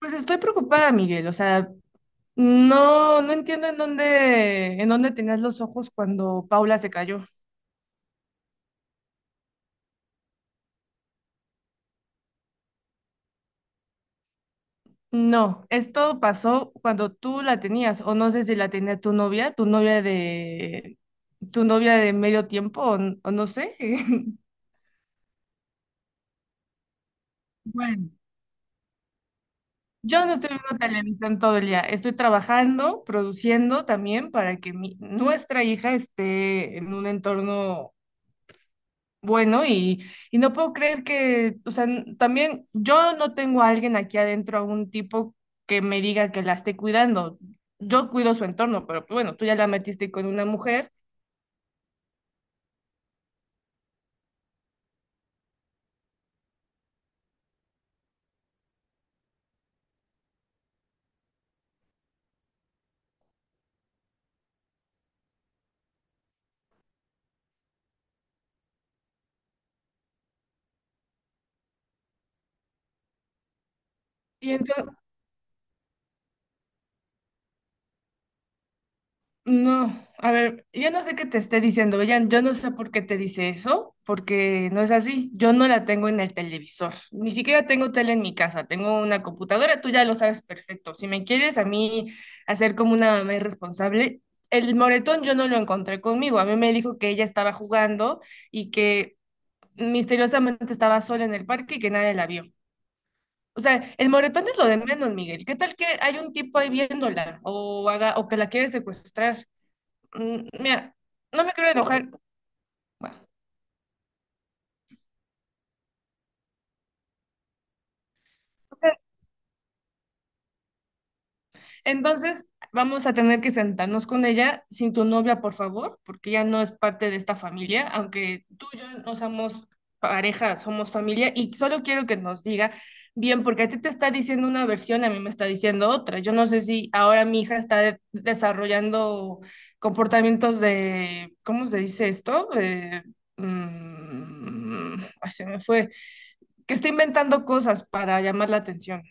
Pues estoy preocupada, Miguel. O sea, no entiendo en dónde tenías los ojos cuando Paula se cayó. No, esto pasó cuando tú la tenías, o no sé si la tenía tu novia de medio tiempo, o, o no sé. Bueno, yo no estoy viendo televisión todo el día. Estoy trabajando, produciendo también para que nuestra hija esté en un entorno bueno y no puedo creer que, o sea, también yo no tengo a alguien aquí adentro, a un tipo que me diga que la esté cuidando. Yo cuido su entorno, pero pues, bueno, tú ya la metiste con una mujer. Y entonces, no, a ver, yo no sé qué te esté diciendo, Bellan, yo no sé por qué te dice eso, porque no es así, yo no la tengo en el televisor, ni siquiera tengo tele en mi casa, tengo una computadora, tú ya lo sabes perfecto. Si me quieres a mí hacer como una mamá irresponsable, el moretón yo no lo encontré conmigo, a mí me dijo que ella estaba jugando y que misteriosamente estaba sola en el parque y que nadie la vio. O sea, el moretón es lo de menos, Miguel. ¿Qué tal que hay un tipo ahí viéndola o, haga, o que la quiere secuestrar? Mira, no me quiero enojar. Bueno, o sea, entonces vamos a tener que sentarnos con ella sin tu novia, por favor, porque ya no es parte de esta familia. Aunque tú y yo no somos pareja, somos familia, y solo quiero que nos diga bien, porque a ti te está diciendo una versión, a mí me está diciendo otra. Yo no sé si ahora mi hija está desarrollando comportamientos de, ¿cómo se dice esto? Ay, se me fue que está inventando cosas para llamar la atención.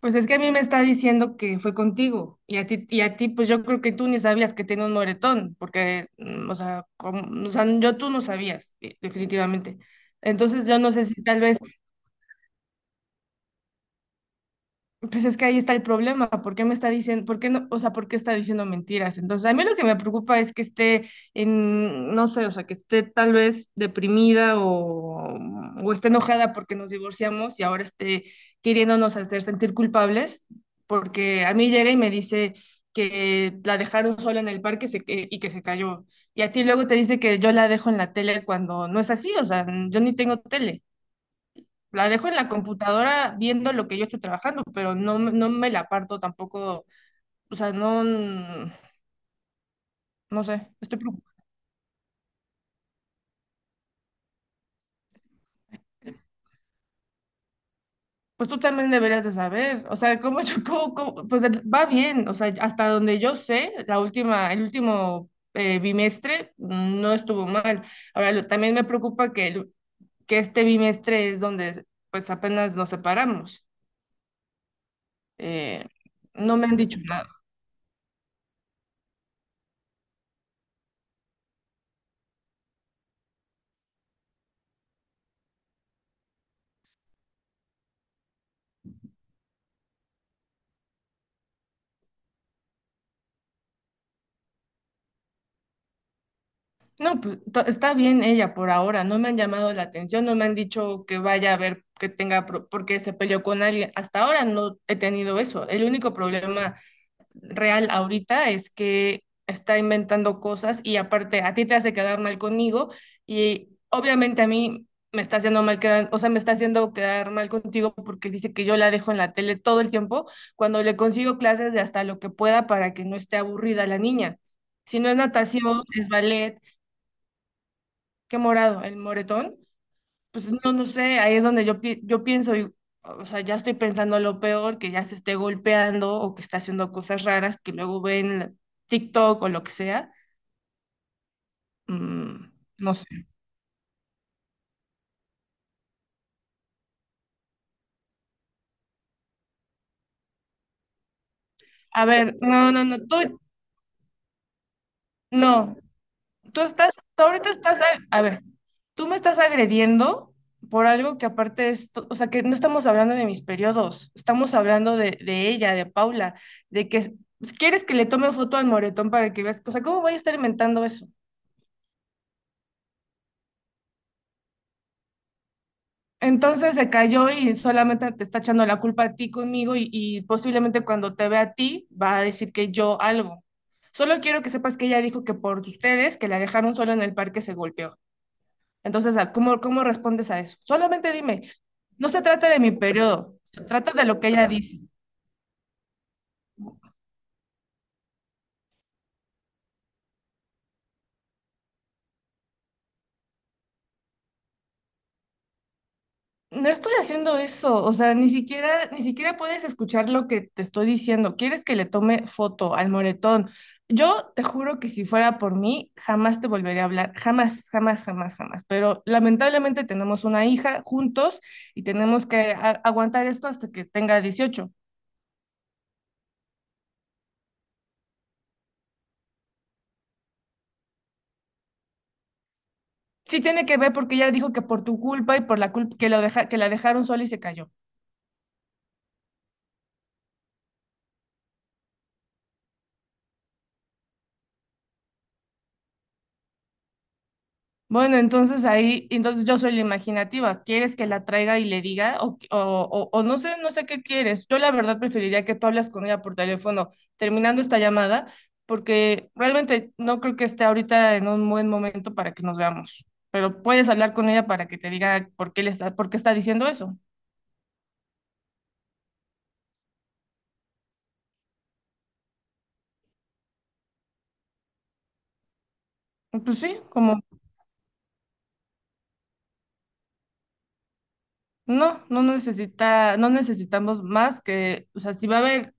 Pues es que a mí me está diciendo que fue contigo y a ti pues yo creo que tú ni sabías que tenía un moretón, porque, o sea, o sea, yo tú no sabías, definitivamente. Entonces yo no sé si tal vez. Pues es que ahí está el problema, ¿por qué me está diciendo, por qué no, o sea, por qué está diciendo mentiras? Entonces, a mí lo que me preocupa es que esté en, no sé, o sea, que esté tal vez deprimida o esté enojada porque nos divorciamos y ahora esté queriéndonos hacer sentir culpables, porque a mí llega y me dice que la dejaron sola en el parque y que se cayó. Y a ti luego te dice que yo la dejo en la tele cuando no es así, o sea, yo ni tengo tele. La dejo en la computadora viendo lo que yo estoy trabajando, pero no, no me la parto tampoco, o sea, no, no sé, estoy preocupada. Pues tú también deberías de saber, o sea, cómo yo, pues va bien, o sea, hasta donde yo sé, la última, el último bimestre no estuvo mal. Ahora, también me preocupa que, que este bimestre es donde pues apenas nos separamos. Eh, no me han dicho nada. No, pues está bien ella por ahora, no me han llamado la atención, no me han dicho que vaya a ver que tenga, porque se peleó con alguien. Hasta ahora no he tenido eso. El único problema real ahorita es que está inventando cosas y aparte a ti te hace quedar mal conmigo y obviamente a mí me está haciendo mal quedar, o sea, me está haciendo quedar mal contigo porque dice que yo la dejo en la tele todo el tiempo cuando le consigo clases de hasta lo que pueda para que no esté aburrida la niña. Si no es natación, es ballet. ¿Qué morado? ¿El moretón? Pues no, no sé, ahí es donde yo, yo pienso, o sea, ya estoy pensando lo peor, que ya se esté golpeando o que está haciendo cosas raras que luego ven TikTok o lo que sea. Mm, no sé. A ver, no, no, no, no, tú estás, tú ahorita estás, a ver, tú me estás agrediendo por algo que aparte es, o sea, que no estamos hablando de mis periodos, estamos hablando de ella, de Paula, de que quieres que le tome foto al moretón para que veas, o sea, ¿cómo voy a estar inventando eso? Entonces se cayó y solamente te está echando la culpa a ti conmigo y posiblemente cuando te vea a ti va a decir que yo algo. Solo quiero que sepas que ella dijo que por ustedes, que la dejaron sola en el parque, se golpeó. Entonces, ¿cómo, cómo respondes a eso? Solamente dime, no se trata de mi periodo, se trata de lo que ella dice. No estoy haciendo eso, o sea, ni siquiera, ni siquiera puedes escuchar lo que te estoy diciendo. ¿Quieres que le tome foto al moretón? Yo te juro que si fuera por mí, jamás te volvería a hablar, jamás, jamás, jamás, jamás. Pero lamentablemente tenemos una hija juntos y tenemos que aguantar esto hasta que tenga 18. Sí tiene que ver porque ella dijo que por tu culpa y por la culpa que, lo deja, que la dejaron sola y se cayó. Bueno, entonces ahí, entonces yo soy la imaginativa. ¿Quieres que la traiga y le diga? O no sé, no sé qué quieres. Yo la verdad preferiría que tú hablas con ella por teléfono terminando esta llamada, porque realmente no creo que esté ahorita en un buen momento para que nos veamos. Pero puedes hablar con ella para que te diga por qué le está, por qué está diciendo eso. Pues sí, como. No, no necesita, no necesitamos más que, o sea, si va a haber,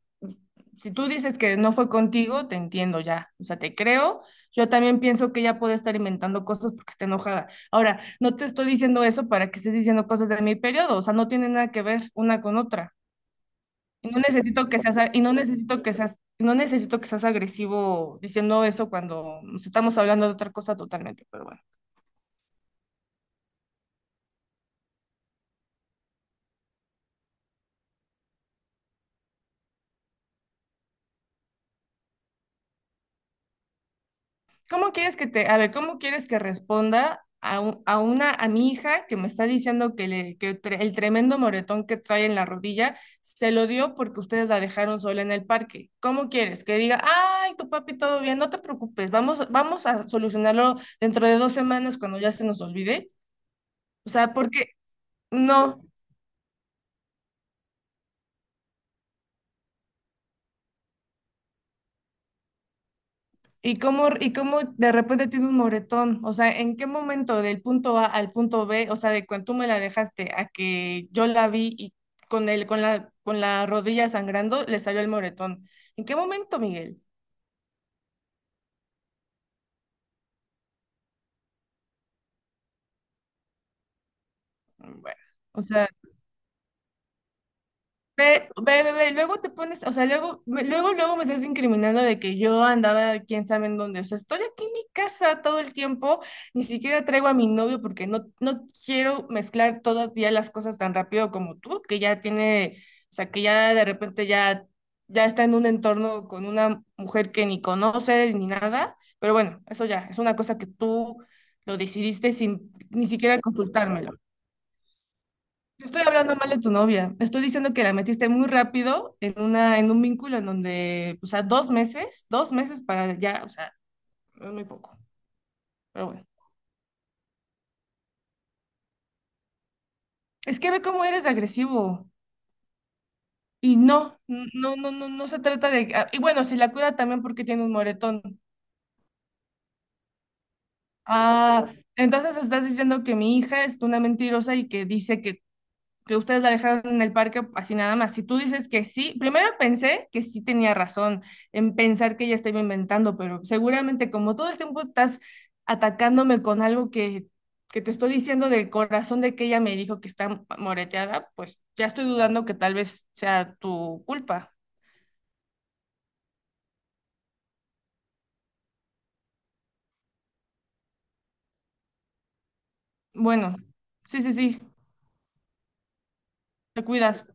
si tú dices que no fue contigo, te entiendo ya, o sea, te creo. Yo también pienso que ella puede estar inventando cosas porque está enojada. Ahora, no te estoy diciendo eso para que estés diciendo cosas de mi periodo, o sea, no tiene nada que ver una con otra. Y no necesito que seas, y no necesito que seas, no necesito que seas agresivo diciendo eso cuando nos estamos hablando de otra cosa totalmente, pero bueno. ¿Cómo quieres que te, a ver, cómo quieres que responda a, un a una, a mi hija que me está diciendo que, le, que el tremendo moretón que trae en la rodilla se lo dio porque ustedes la dejaron sola en el parque? ¿Cómo quieres que diga, ay, tu papi, todo bien, no te preocupes, vamos, vamos a solucionarlo dentro de 2 semanas cuando ya se nos olvide? O sea, porque no. Y cómo de repente tiene un moretón? O sea, ¿en qué momento del punto A al punto B, o sea, de cuando tú me la dejaste a que yo la vi y con el, con la rodilla sangrando, le salió el moretón? ¿En qué momento, Miguel? Bueno, o sea... Ve, ve, ve, ve, luego te pones, o sea, luego, luego, luego me estás incriminando de que yo andaba quién sabe en dónde. O sea, estoy aquí en mi casa todo el tiempo, ni siquiera traigo a mi novio porque no, no quiero mezclar todavía las cosas tan rápido como tú, que ya tiene, o sea, que ya de repente ya, ya está en un entorno con una mujer que ni conoce ni nada. Pero bueno, eso ya, es una cosa que tú lo decidiste sin ni siquiera consultármelo. No estoy hablando mal de tu novia. Estoy diciendo que la metiste muy rápido en una, en un vínculo en donde, o sea, 2 meses, 2 meses para ya, o sea, es muy poco. Pero bueno. Es que ve cómo eres de agresivo. Y no, no, no, no, no se trata de. Ah, y bueno, si la cuida también porque tiene un moretón. Ah, entonces estás diciendo que mi hija es una mentirosa y que dice que ustedes la dejaron en el parque así nada más. Si tú dices que sí, primero pensé que sí tenía razón en pensar que ella estaba inventando, pero seguramente como todo el tiempo estás atacándome con algo que te estoy diciendo de corazón de que ella me dijo que está moreteada, pues ya estoy dudando que tal vez sea tu culpa. Bueno, sí, sí, sí, te cuidas.